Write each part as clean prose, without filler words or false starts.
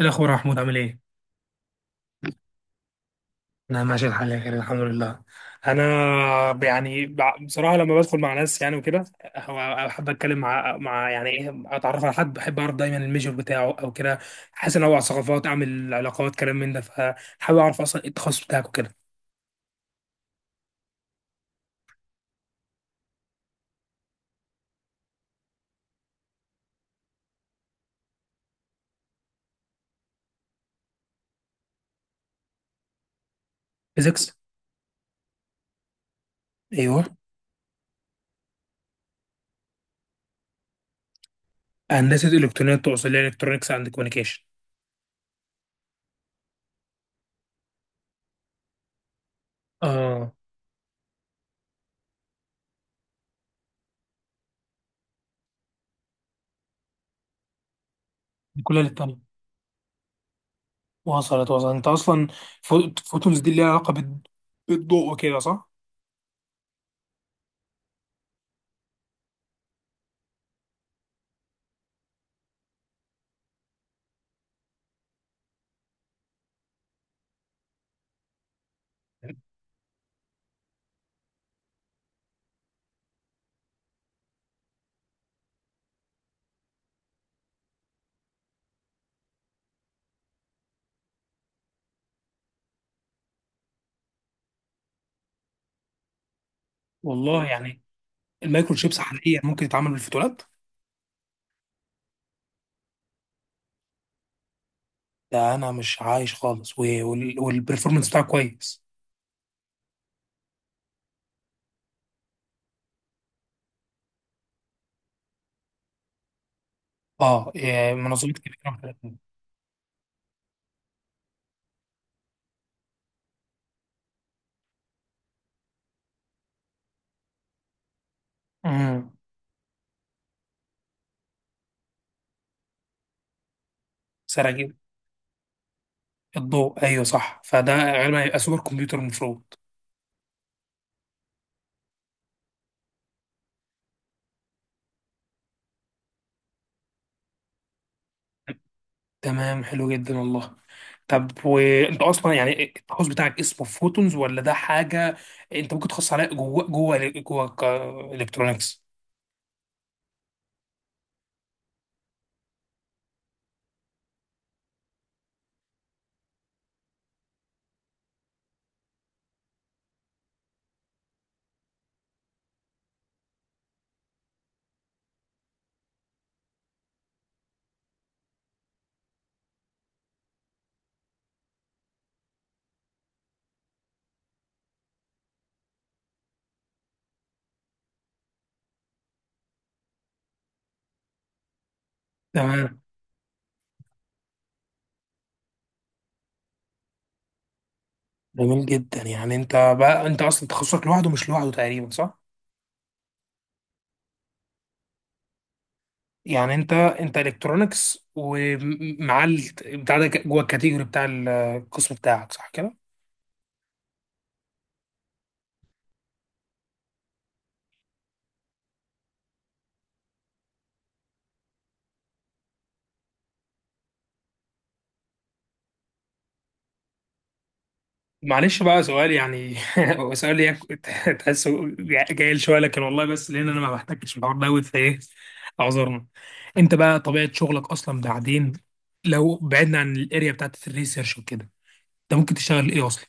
إيه الأخبار يا محمود عامل إيه؟ أنا ماشي الحال يا كريم الحمد لله. أنا بصراحة لما بدخل مع ناس يعني وكده هو- أحب أتكلم مع يعني إيه أتعرف على حد، بحب أعرف دايما الميجور بتاعه أو كده، أحس إن أنوع ثقافات أعمل علاقات كلام من ده، فحابب أعرف أصلا إيه التخصص بتاعك وكده. فيزيكس. أيوه. هندسة إلكترونيات تقصد اللي هي إلكترونكس أند كوميونيكيشن؟ آه. دي كلها للتانية. وصلت أنت أصلا. فوتونز دي اللي ليها علاقة بالضوء وكده صح؟ والله يعني، المايكرو شيبس حاليا ممكن يتعمل بالفوتونات؟ ده انا مش عايش خالص والبرفورمانس بتاعه كويس؟ اه إيه، منظومه كبيره. امم. سرعه جدا الضوء، ايوه صح، فده غالبا هيبقى سوبر كمبيوتر المفروض. تمام، حلو جدا والله. طب وانت اصلا يعني التخصص بتاعك اسمه فوتونز، ولا ده حاجه انت ممكن تخصص عليها جوه جوه الكترونكس؟ تمام. جميل جدا. يعني انت بقى، انت اصلا تخصصك لوحده مش لوحده تقريبا، صح؟ يعني انت الكترونكس ومع بتاع ده جوه الكاتيجوري بتاع القسم بتاعك، صح كده؟ معلش بقى سؤال يعني هو سؤال تحسه جاي شويه، لكن والله بس لان انا ما بحتكش في الحوار دوت فايه، اعذرنا. انت بقى طبيعه شغلك اصلا بعدين، لو بعدنا عن الاريا بتاعت الريسيرش وكده، انت ممكن تشتغل ايه اصلا؟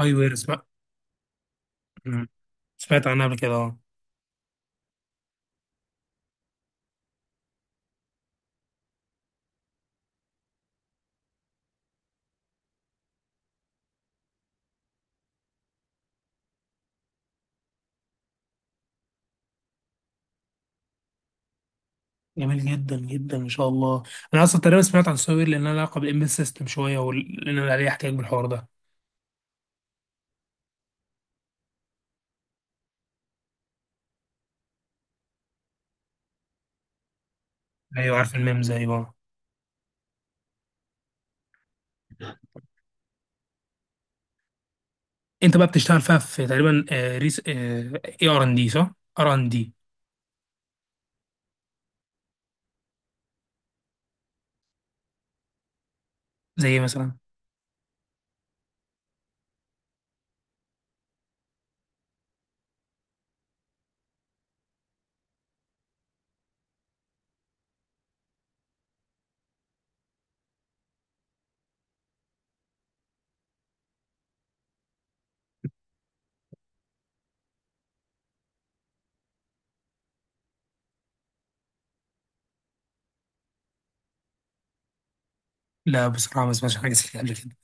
اي وير سمعت. مم. سمعت عنها قبل كده اه. جميل جدا جدا ما شاء الله. انا اصلا تقريبا سمعت عن سوير لان انا علاقه بالامبيد سيستم شويه، ولان أنا عليه احتياج بالحوار ده. ايوه عارف الميمز ايوه. انت بقى بتشتغل فيها في تقريبا، آه، ريس اي ار ان دي صح؟ ار ان دي. زي ايه مثلا؟ لا بصراحه ما سمعتش حاجه زي كده قبل كده.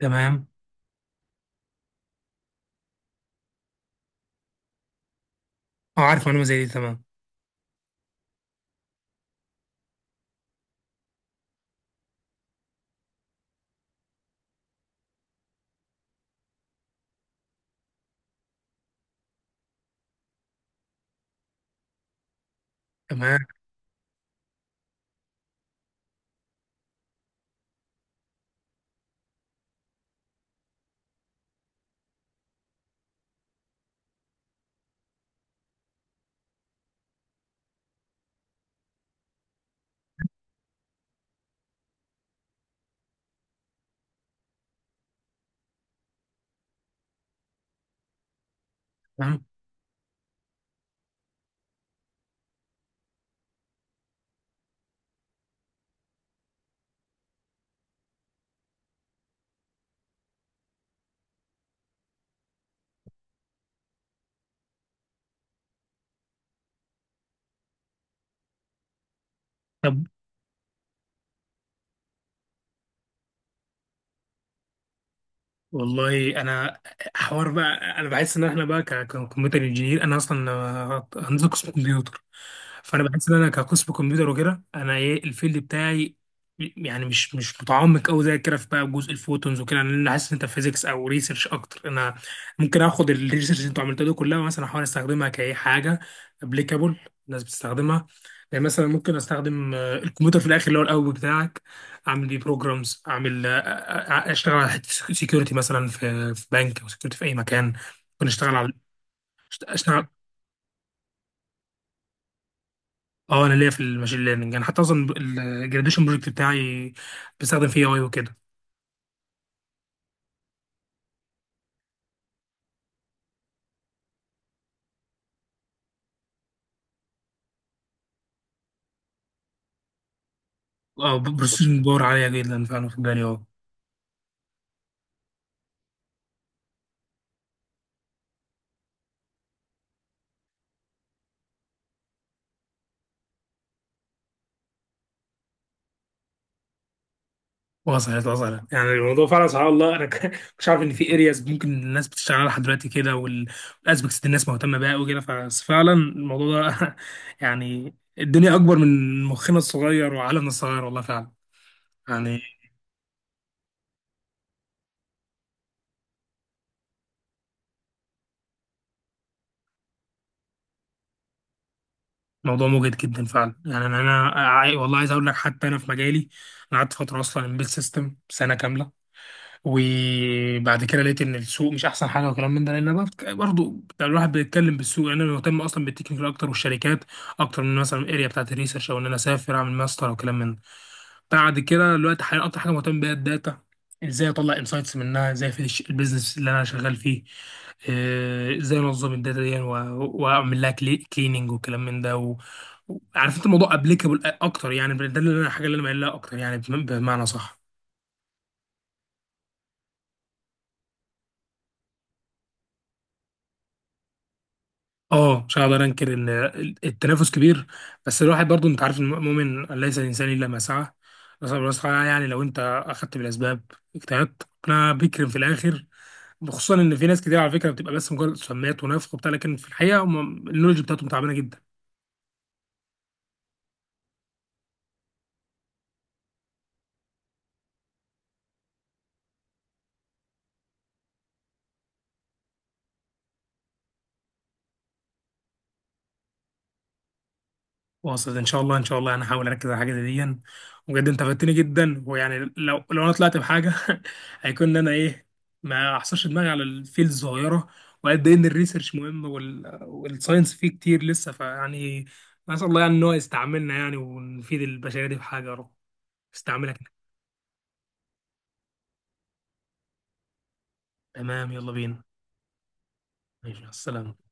تمام. اه عارف معلومه زي دي. تمام. تمام. تمام. طب والله انا، حوار بقى انا بحس ان احنا بقى ككمبيوتر انجينير، انا اصلا هندسه قسم كمبيوتر. فانا بحس ان انا كقسم كمبيوتر وكده انا ايه الفيلد بتاعي. يعني مش متعمق قوي زي كده في بقى جزء الفوتونز وكده، لان انا حاسس ان انت فيزيكس او ريسيرش اكتر. انا ممكن اخد الريسيرش اللي انتوا عملتوها دي كلها، مثلا احاول استخدمها كاي حاجه ابليكابل الناس بتستخدمها. يعني مثلا ممكن استخدم الكمبيوتر في الاخر اللي هو القوي بتاعك، اعمل بيه بروجرامز، اعمل اشتغل على حته سكيورتي مثلا في بنك، او سكيورتي في اي مكان. ممكن اشتغل على، اشتغل. اه انا ليا في الماشين ليرنينج، يعني حتى اصلا الجراديشن بروجكت بتاعي بستخدم فيه اي وكده. اه بروسيسنج باور عاليه جدا فعلا في بالي اه. وصلت وصلت، يعني الموضوع فعلا سبحان الله، انا مش عارف ان في ارياز ممكن الناس بتشتغل عليها لحد دلوقتي كده، والاسبكتس دي الناس مهتمه بيها وكده، ففعلا الموضوع ده يعني الدنيا اكبر من مخنا الصغير وعالمنا الصغير، والله فعلا يعني. موضوع مجهد جدا فعلا، يعني انا عاي... والله عايز اقول لك حتى انا في مجالي، انا قعدت فتره اصلا امبيد سيستم سنه كامله. وبعد كده لقيت ان السوق مش احسن حاجه وكلام من ده، لان برضه الواحد بيتكلم بالسوق، لان انا مهتم اصلا بالتكنيكال اكتر والشركات اكتر من مثلا الاريا بتاعت الريسيرش، او ان انا اسافر اعمل ماستر وكلام من ده. بعد كده دلوقتي حاليا اكتر حاجه مهتم بيها الداتا، ازاي اطلع انسايتس منها، ازاي في البيزنس اللي انا شغال فيه، ازاي انظم الداتا دي واعمل لها كليننج وكلام من ده و... عارف انت الموضوع ابليكابل اكتر، يعني ده اللي انا، الحاجه اللي انا مايل لها اكتر، يعني بمعنى صح. اه مش هقدر انكر ان التنافس كبير، بس الواحد برضو انت عارف، المؤمن ليس الانسان الا ما سعى. بس يعني لو انت اخدت بالاسباب اجتهدت ربنا بيكرم في الاخر، خصوصا ان في ناس كتير على فكره بتبقى بس مجرد سمات ونفخ وبتاع، لكن في الحقيقه هم النولج بتاعتهم تعبانه جدا. واصل ان شاء الله. ان شاء الله انا هحاول اركز على حاجه زي دي. بجد انت فدتني جدا، ويعني لو انا طلعت بحاجه هيكون ان انا ايه، ما احصرش دماغي على الفيلد الصغيره، وقد ايه ان الريسيرش مهم وال... والساينس فيه كتير لسه، فيعني نسال الله يعني ان هو يستعملنا يعني ونفيد البشريه دي بحاجه يا رب استعملك. تمام يلا بينا. ماشي مع السلامه.